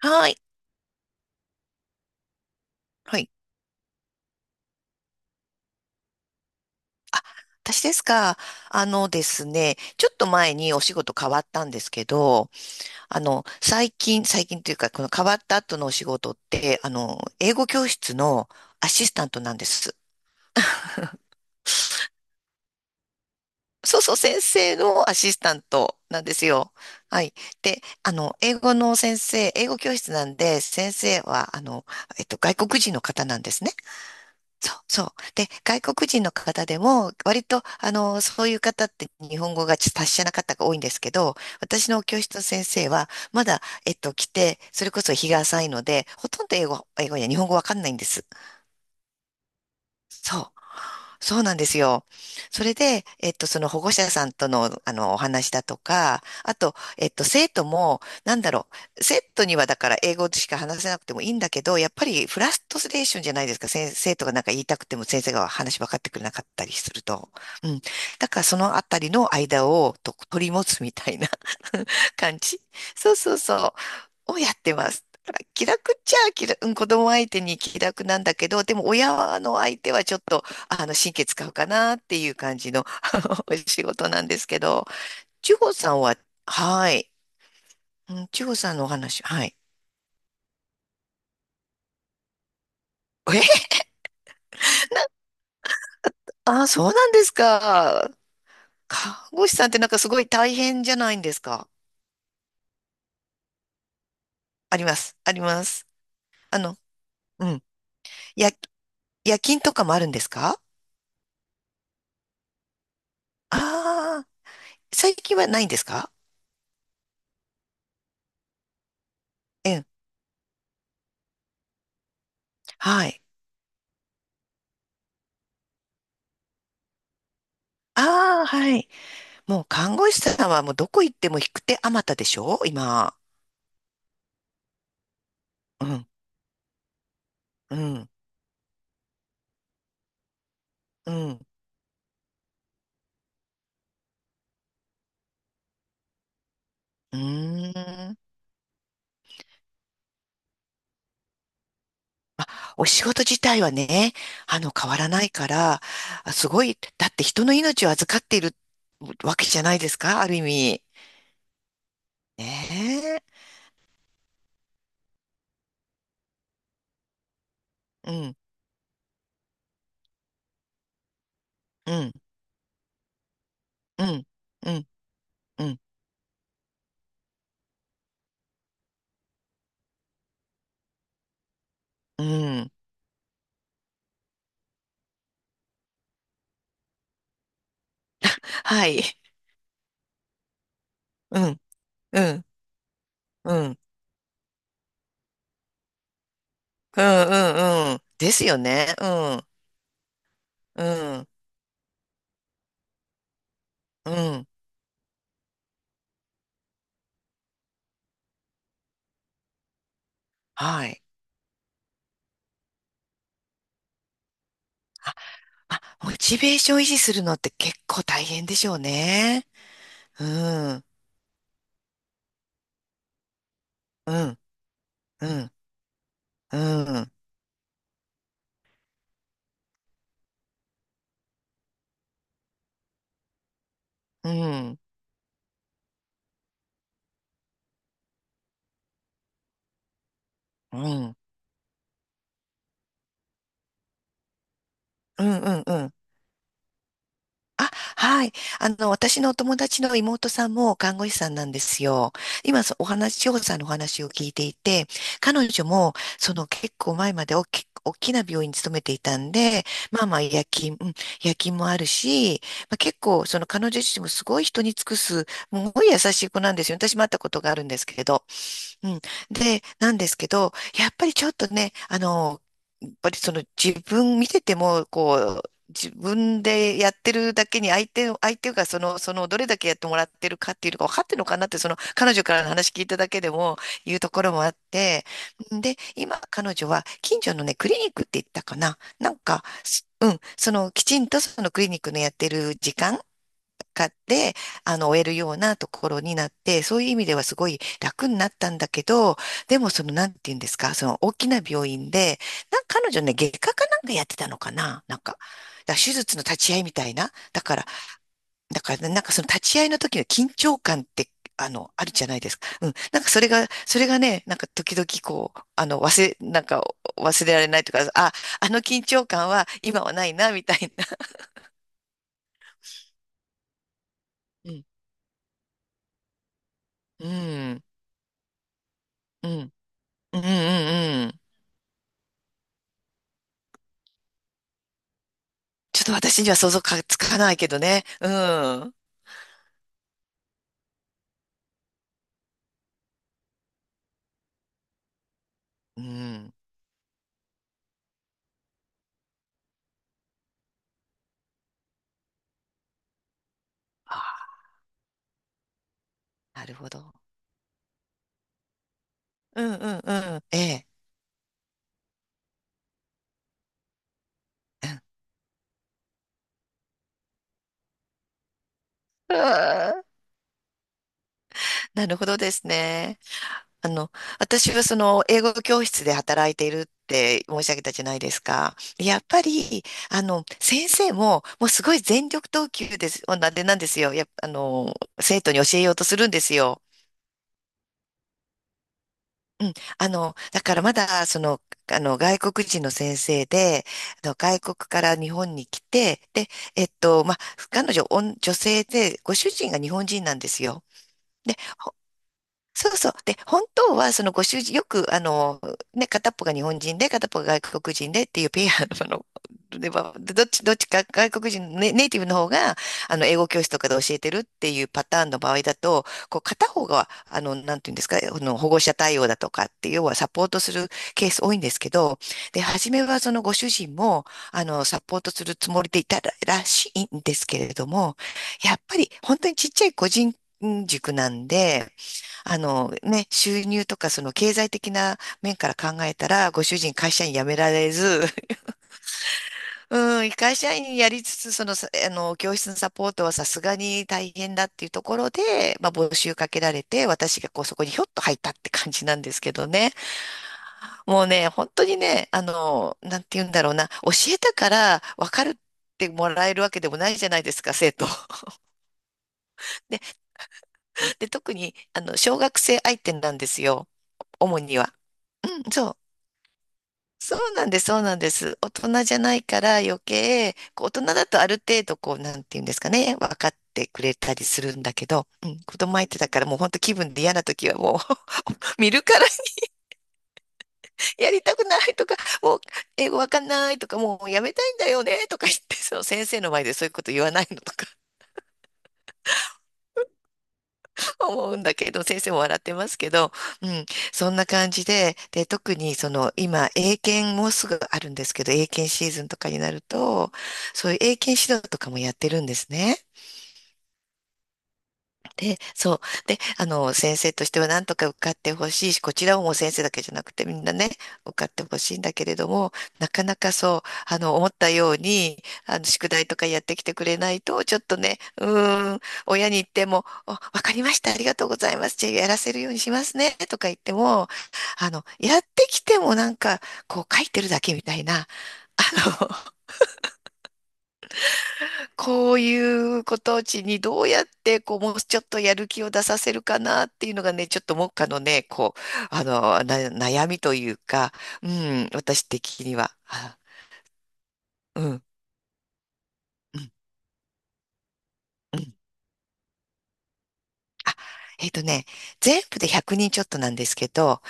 はい。はい。私ですか？あのですね、ちょっと前にお仕事変わったんですけど、最近、最近というか、この変わった後のお仕事って、英語教室のアシスタントなんです。そうそう、先生のアシスタントなんですよ。はい。で、英語の先生、英語教室なんで、先生は、外国人の方なんですね。そうそう。で、外国人の方でも、割と、そういう方って日本語がちょっと達者な方が多いんですけど、私の教室の先生は、まだ、来て、それこそ日が浅いので、ほとんど英語、英語や日本語わかんないんです。そう。そうなんですよ。それで、その保護者さんとの、お話だとか、あと、生徒も、生徒にはだから英語しか話せなくてもいいんだけど、やっぱりフラストレーションじゃないですか。先生とかなんか言いたくても先生が話分かってくれなかったりすると。うん。だからそのあたりの間をと取り持つみたいな 感じ。そうそうそをやってます。だから気楽っちゃ気楽、うん子供相手に気楽なんだけど、でも親の相手はちょっと、神経使うかなっていう感じのお仕事なんですけど、千穂さんは、はい。うん、千穂さんのお話、はい。えあ、そうなんですか。看護師さんってなんかすごい大変じゃないんですか？あります、あります。あの、うん。や、夜勤とかもあるんですか？ああ、ー、最近はないんですか？うん。はい。ああ、はい。もう看護師さんはもうどこ行っても引く手あまたでしょ今。うん、うん、うん。うーん。お仕事自体はね、変わらないから、あすごい、だって人の命を預かっているわけじゃないですか、ある意味。ねえ。うん、うん、うん、うん、うん、うん。はい。うん、うん、うん、うん、うん、うん。ですよね。うん、うん、うん。はい。あ、あ、モチベーション維持するのって結構大変でしょうね。うん、うん、うん、うん、うん、うん、うん、うん、うん。あ、はい。私のお友達の妹さんも看護師さんなんですよ。今、そお話、千穂さんのお話を聞いていて、彼女も、その結構前まで大き、大きな病院に勤めていたんで、まあまあ夜勤、うん夜勤もあるし、まあ、結構、その彼女自身もすごい人に尽くす、すごい優しい子なんですよ。私も会ったことがあるんですけど。うん。で、なんですけど、やっぱりちょっとね、やっぱりその自分見てても、こう、自分でやってるだけに相手を、相手がその、その、どれだけやってもらってるかっていうのが分かってるのかなって、その、彼女からの話聞いただけでも言うところもあって、で、今、彼女は近所のね、クリニックって言ったかな。なんか、すうん、その、きちんとそのクリニックのやってる時間かで、終えるようなところになって、そういう意味ではすごい楽になったんだけど、でもその、なんて言うんですか、その大きな病院で、なんか彼女ね、外科かなんかやってたのかななんか、だから手術の立ち会いみたいな。だから、だからねなんかその立ち会いの時の緊張感って、あるじゃないですか。うん。なんかそれが、それがね、なんか時々こう、忘れられないとか、あ、あの緊張感は今はないな、みたいな。うん。うん。うん。うん。うん。うんちょっと私には想像かつかないけどね。うん。うん。あ、なるほど。うんうんうん。ええ。うんうんなるほどですね。あの、私はその英語教室で働いているって申し上げたじゃないですか。やっぱり、先生ももうすごい全力投球です、なんでなんですよ。やっぱ、生徒に教えようとするんですよ。うん、あの、だからまだ、その、あの、外国人の先生で、外国から日本に来て、で、えっと、まあ、彼女、おん女性で、ご主人が日本人なんですよ。で、そうそう。で、本当は、そのご主人、よく、ね、片っぽが日本人で、片っぽが外国人でっていうペアの、ではどっち、どっちか外国人のネ、ネイティブの方が、英語教室とかで教えてるっていうパターンの場合だと、こう、片方が、なんていうんですか、保護者対応だとかって、要はサポートするケース多いんですけど、で、初めはそのご主人も、サポートするつもりでいたら、らしいんですけれども、やっぱり、本当にちっちゃい個人塾なんで、あのね、収入とかその経済的な面から考えたら、ご主人会社員辞められず、うん、会社員やりつつ、その、さあの、教室のサポートはさすがに大変だっていうところで、まあ、募集かけられて、私がこう、そこにひょっと入ったって感じなんですけどね。もうね、本当にね、あの、なんて言うんだろうな、教えたから分かるってもらえるわけでもないじゃないですか、生徒。で、で、特に、小学生相手なんですよ。主には。うん、そう。そうなんです、そうなんです。大人じゃないから余計、こう大人だとある程度こう、なんていうんですかね、分かってくれたりするんだけど、うん、子供相手だからもう本当気分で嫌な時はもう 見るから やりたくないとか、もう英語わかんないとか、もうやめたいんだよねとか言って、その先生の前でそういうこと言わないのとか。思うんだけど、先生も笑ってますけど、うん、そんな感じで、で、特にその今、英検もうすぐあるんですけど、英検シーズンとかになると、そういう英検指導とかもやってるんですね。で、そう。で、先生としては何とか受かってほしいし、こちらももう先生だけじゃなくてみんなね、受かってほしいんだけれども、なかなかそう、あの、思ったように、宿題とかやってきてくれないと、ちょっとね、うーん、親に言っても、おわかりました、ありがとうございます、じゃあやらせるようにしますね、とか言っても、やってきてもなんか、こう書いてるだけみたいな、こういうことうちにどうやってこうもうちょっとやる気を出させるかなっていうのがね、ちょっと目下のね、こう、悩みというか、うん、私的には。あうん、うん、うん。あ、えっとね、全部で100人ちょっとなんですけど、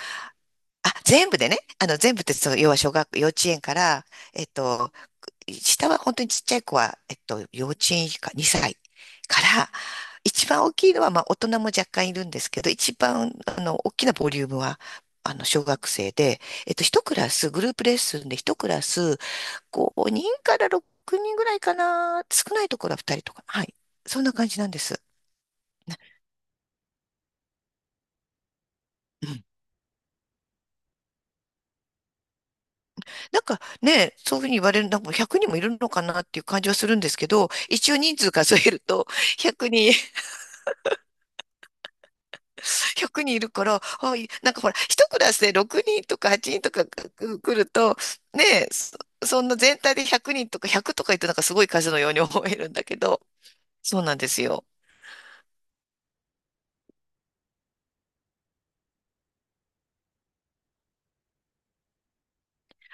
あ、全部でね、全部ってそう要は小学、幼稚園から、えっと、下は本当にちっちゃい子は、幼稚園以下、2歳から、一番大きいのは、まあ、大人も若干いるんですけど、一番、大きなボリュームは、小学生で、一クラス、グループレッスンで一クラス、5人から6人ぐらいかな、少ないところは2人とか、はい。そんな感じなんです。うんなんかね、そういうふうに言われるのも100人もいるのかなっていう感じはするんですけど、一応人数数えると100人100人いるから、あ、いなんかほら、一クラスで6人とか8人とかく来ると、ねえ、そ、そんな全体で100人とか100とか言ってなんかすごい数のように思えるんだけど、そうなんですよ。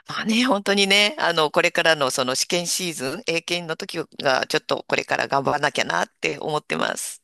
まあね、本当にね、これからのその試験シーズン、英検の時がちょっとこれから頑張らなきゃなって思ってます。